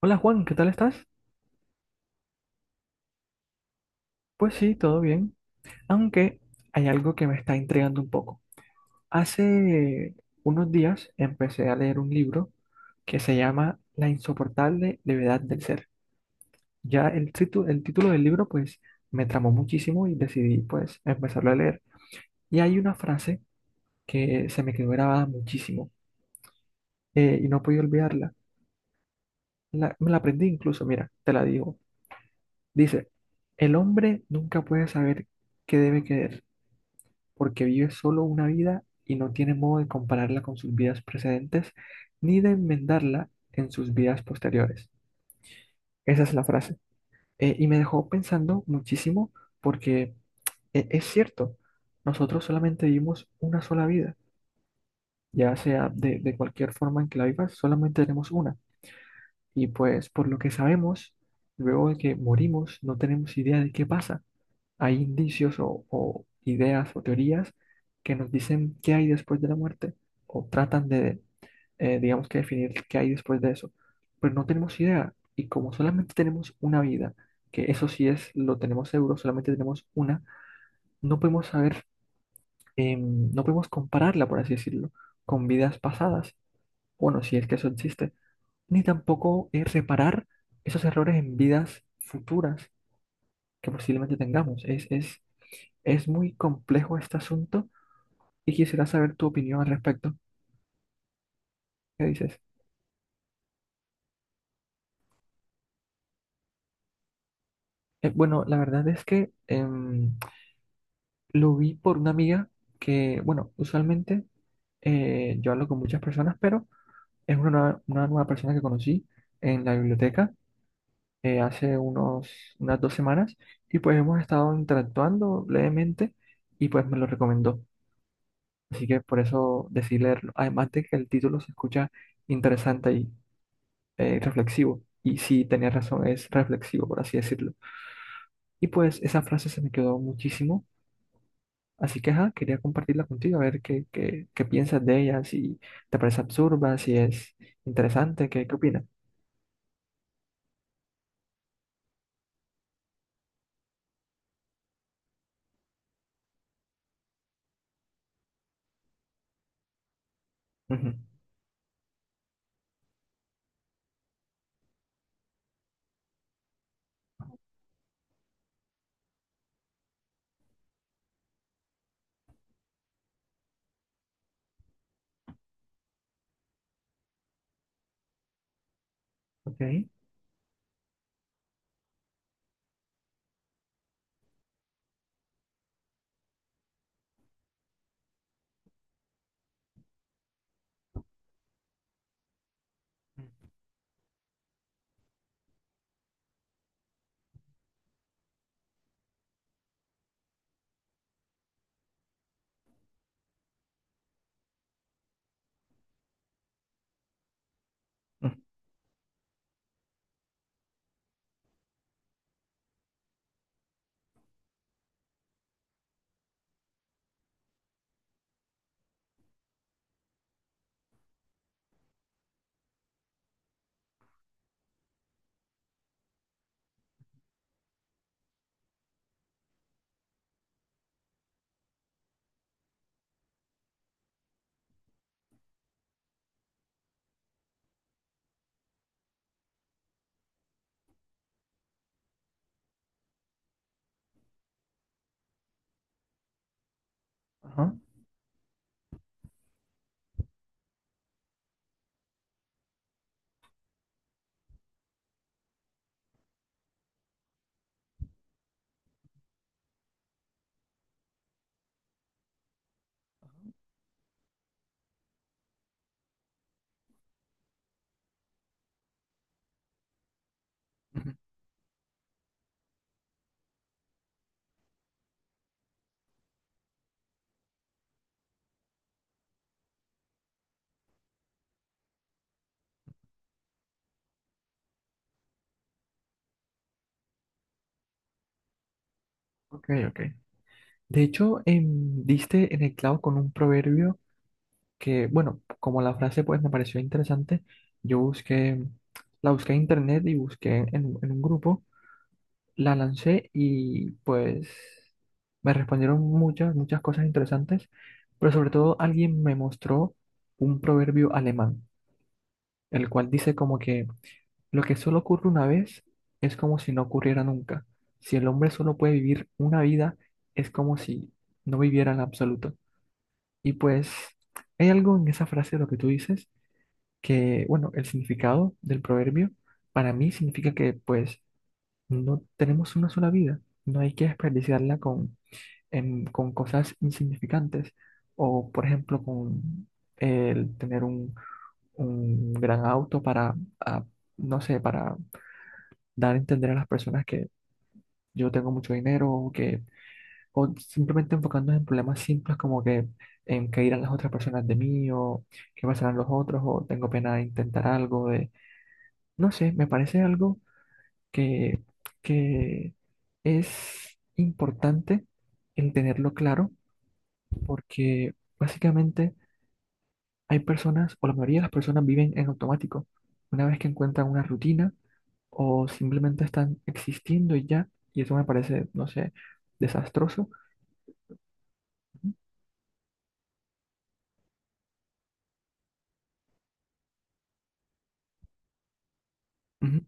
Hola Juan, ¿qué tal estás? Pues sí, todo bien. Aunque hay algo que me está intrigando un poco. Hace unos días empecé a leer un libro que se llama La insoportable levedad del ser. Ya el título del libro pues me tramó muchísimo y decidí pues empezarlo a leer. Y hay una frase que se me quedó grabada muchísimo y no podía olvidarla. Me la aprendí incluso, mira, te la digo. Dice, el hombre nunca puede saber qué debe querer porque vive solo una vida y no tiene modo de compararla con sus vidas precedentes ni de enmendarla en sus vidas posteriores. Esa es la frase. Y me dejó pensando muchísimo porque es cierto, nosotros solamente vivimos una sola vida, ya sea de cualquier forma en que la vivas, solamente tenemos una. Y pues por lo que sabemos, luego de que morimos, no tenemos idea de qué pasa. Hay indicios o ideas o teorías que nos dicen qué hay después de la muerte o tratan de, digamos que definir qué hay después de eso, pero no tenemos idea y como solamente tenemos una vida, que eso sí es, lo tenemos seguro, solamente tenemos una, no podemos saber, no podemos compararla, por así decirlo, con vidas pasadas, bueno, si es que eso existe, ni tampoco reparar esos errores en vidas futuras que posiblemente tengamos. Es muy complejo este asunto y quisiera saber tu opinión al respecto. ¿Qué dices? Bueno, la verdad es que lo vi por una amiga que, bueno, usualmente yo hablo con muchas personas, pero es una nueva persona que conocí en la biblioteca hace unas 2 semanas y pues hemos estado interactuando levemente y pues me lo recomendó. Así que por eso decidí leerlo. Además de que el título se escucha interesante, reflexivo. Y sí, tenía razón, es reflexivo, por así decirlo. Y pues esa frase se me quedó muchísimo. Así que, ajá, quería compartirla contigo, a ver qué piensas de ella, si te parece absurda, si es interesante, qué opinas. Ujú. Ok. Mm, ajá. Ujú. Ok, ok. De hecho, diste en el clavo con un proverbio que, bueno, como la frase pues me pareció interesante, yo la busqué en internet y busqué en un grupo la lancé y pues me respondieron muchas, muchas cosas interesantes, pero sobre todo alguien me mostró un proverbio alemán, el cual dice como que lo que solo ocurre una vez es como si no ocurriera nunca. Si el hombre solo puede vivir una vida, es como si no viviera en absoluto. Y pues hay algo en esa frase, lo que tú dices, que bueno, el significado del proverbio para mí significa que pues no tenemos una sola vida, no hay que desperdiciarla con cosas insignificantes o, por ejemplo, con el tener un gran auto para, ah, no sé, para dar a entender a las personas que yo tengo mucho dinero o que, o simplemente enfocándonos en problemas simples como que en qué irán las otras personas de mí o qué pasarán los otros o tengo pena de intentar algo de, no sé, me parece algo que, que es importante el tenerlo claro porque básicamente hay personas, o la mayoría de las personas viven en automático. Una vez que encuentran una rutina o simplemente están existiendo y ya, y eso me parece, no sé, desastroso. Ujú,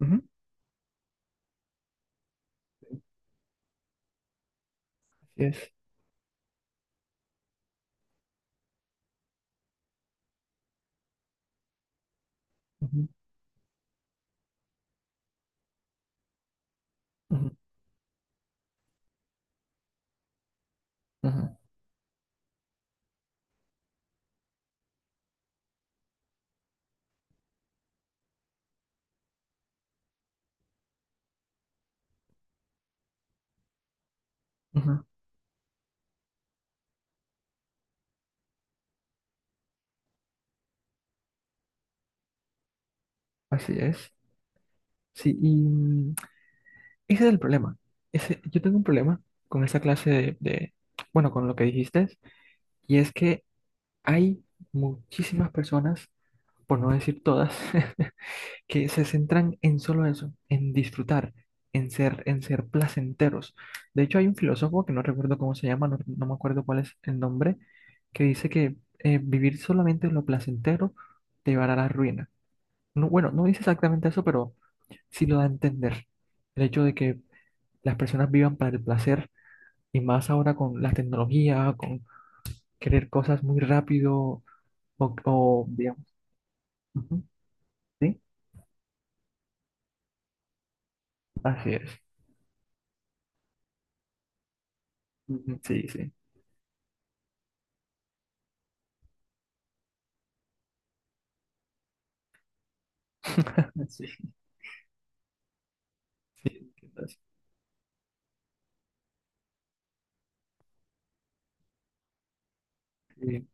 ujú. Así es. Ujú, ujú, ujú, ujú. Así es. Sí, y ese es el problema. Yo tengo un problema con esa clase bueno, con lo que dijiste. Y es que hay muchísimas personas, por no decir todas, que se centran en solo eso, en disfrutar, en ser placenteros. De hecho, hay un filósofo que no recuerdo cómo se llama, no, no me acuerdo cuál es el nombre, que dice que vivir solamente lo placentero te llevará a la ruina. No, bueno, no dice exactamente eso, pero sí lo da a entender. El hecho de que las personas vivan para el placer y más ahora con la tecnología, con querer cosas muy rápido. O, digamos, ujú, sí, así es. Ujú. Sí, sí. Sí, sí, entiendo eso. Sí.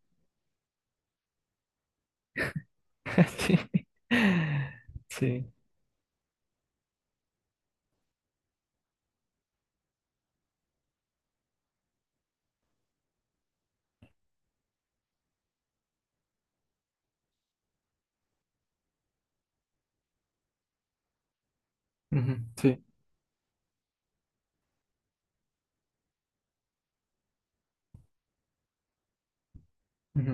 Sí. Sí. Ujú. Sí. Ujú.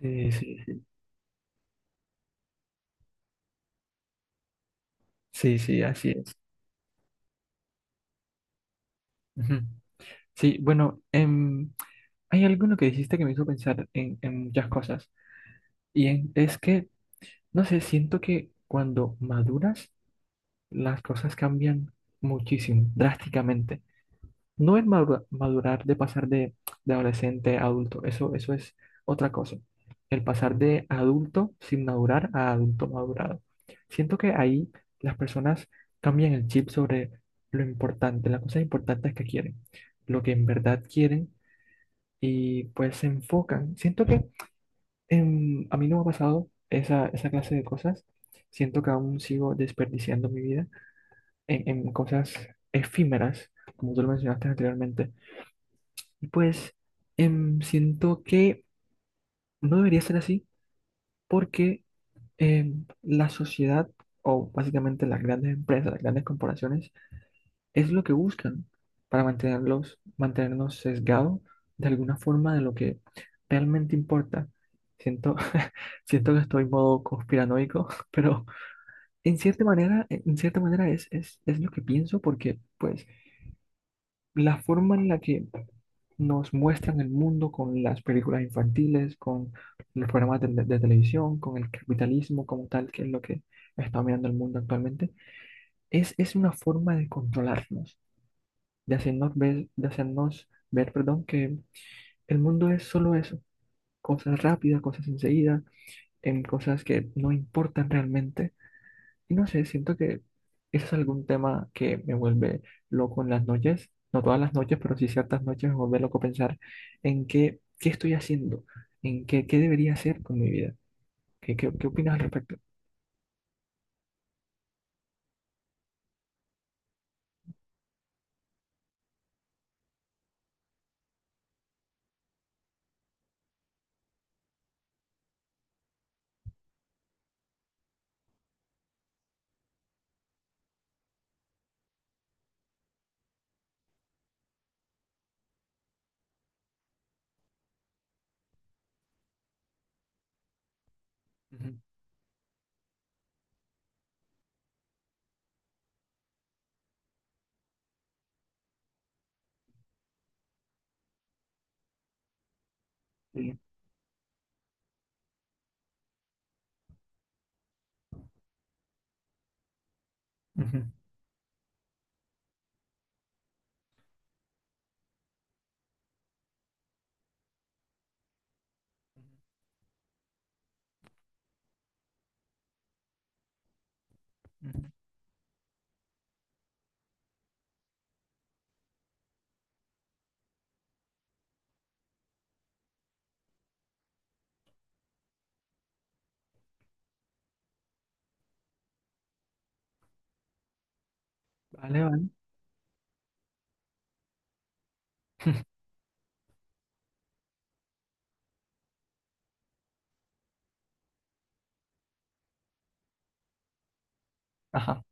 Sí, sí, sí. Sí, sí, así es. Ujú. Sí, bueno, hay algo en lo que dijiste que me hizo pensar en muchas cosas. Y es que, no sé, siento que cuando maduras, las cosas cambian muchísimo, drásticamente. No es madurar de pasar de adolescente a adulto, eso es otra cosa. El pasar de adulto sin madurar a adulto madurado. Siento que ahí las personas cambian el chip sobre lo importante, las cosas importantes que quieren, lo que en verdad quieren y pues se enfocan. Siento que a mí no me ha pasado esa clase de cosas. Siento que aún sigo desperdiciando mi vida en cosas efímeras, como tú lo mencionaste anteriormente, y pues siento que no debería ser así porque la sociedad, o básicamente las grandes empresas, las grandes corporaciones, es lo que buscan para mantenerlos, mantenernos sesgados de alguna forma de lo que realmente importa. Siento, siento que estoy en modo conspiranoico, pero en cierta manera es, es lo que pienso porque pues la forma en la que nos muestran el mundo con las películas infantiles, con los programas de televisión, con el capitalismo como tal, que es lo que está dominando el mundo actualmente, es una forma de controlarnos, de hacernos ver, perdón, que el mundo es solo eso, cosas rápidas, cosas enseguida, en cosas que no importan realmente y no sé, siento que ese es algún tema que me vuelve loco en las noches, no todas las noches, pero sí ciertas noches me vuelve loco pensar en qué estoy haciendo, en qué debería hacer con mi vida. ¿Qué opinas al respecto? Ujú. Sí. Ujú, ujú. Vale, vale. Ajá.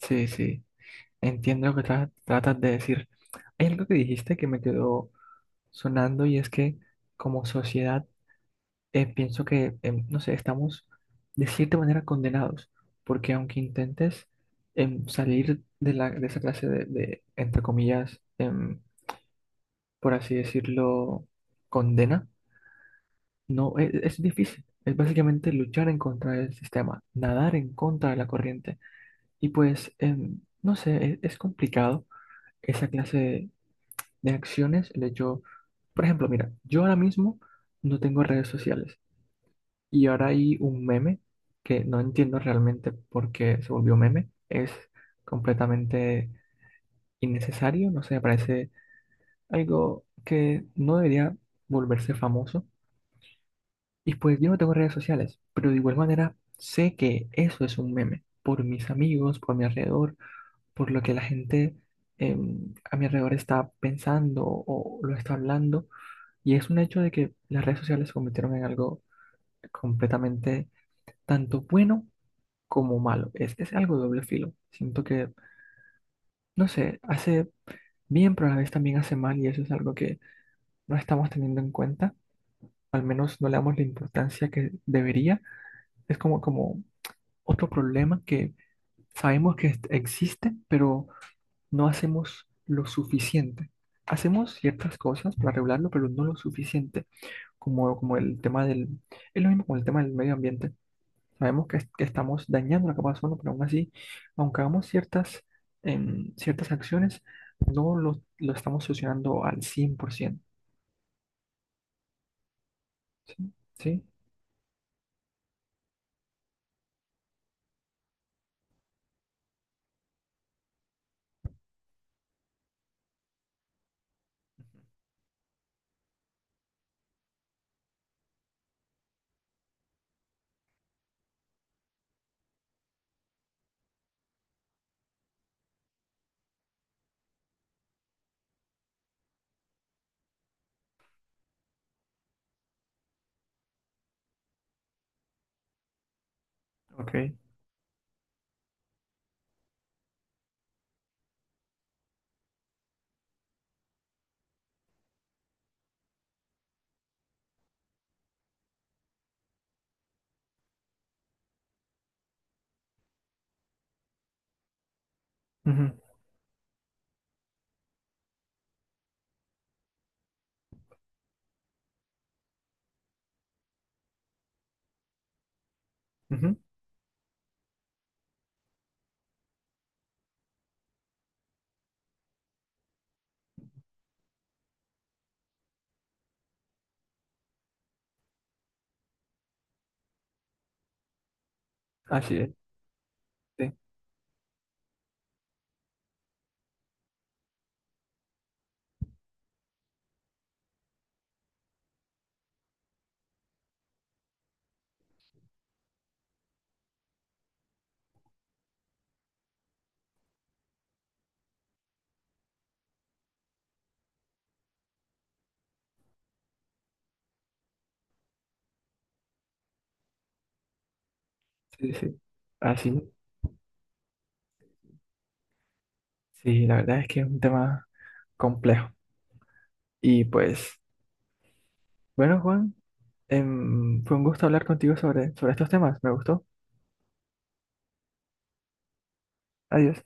Sí, sí. Entiendo lo que tratas de decir. Hay algo que dijiste que me quedó sonando y es que como sociedad, pienso que, no sé, estamos de cierta manera condenados, porque aunque intentes salir de esa clase de, entre comillas, por así decirlo, condena, no, es difícil. Es básicamente luchar en contra del sistema, nadar en contra de la corriente. Y pues, no sé, es complicado esa clase de acciones. El hecho, por ejemplo, mira, yo ahora mismo no tengo redes sociales. Y ahora hay un meme que no entiendo realmente por qué se volvió meme. Es completamente innecesario, no sé, parece algo que no debería volverse famoso. Y pues yo no tengo redes sociales, pero de igual manera sé que eso es un meme por mis amigos, por mi alrededor, por lo que la gente a mi alrededor está pensando o lo está hablando. Y es un hecho de que las redes sociales se convirtieron en algo completamente tanto bueno como malo. Es algo doble filo. Siento que, no sé, hace bien, pero a la vez también hace mal y eso es algo que no estamos teniendo en cuenta. Al menos no le damos la importancia que debería. Es como otro problema que sabemos que existe, pero no hacemos lo suficiente. Hacemos ciertas cosas para regularlo, pero no lo suficiente, como es lo mismo con el tema del medio ambiente. Sabemos que estamos dañando la capa de ozono, pero aún así, aunque hagamos ciertas acciones, no lo estamos solucionando al 100%. ¿Sí? ¿Sí? Ok. Ujú, ujú. Así es. Sí, sí, sí. Así. Sí, la verdad es que es un tema complejo. Y pues, bueno, Juan, fue un gusto hablar contigo sobre estos temas. Me gustó. Adiós.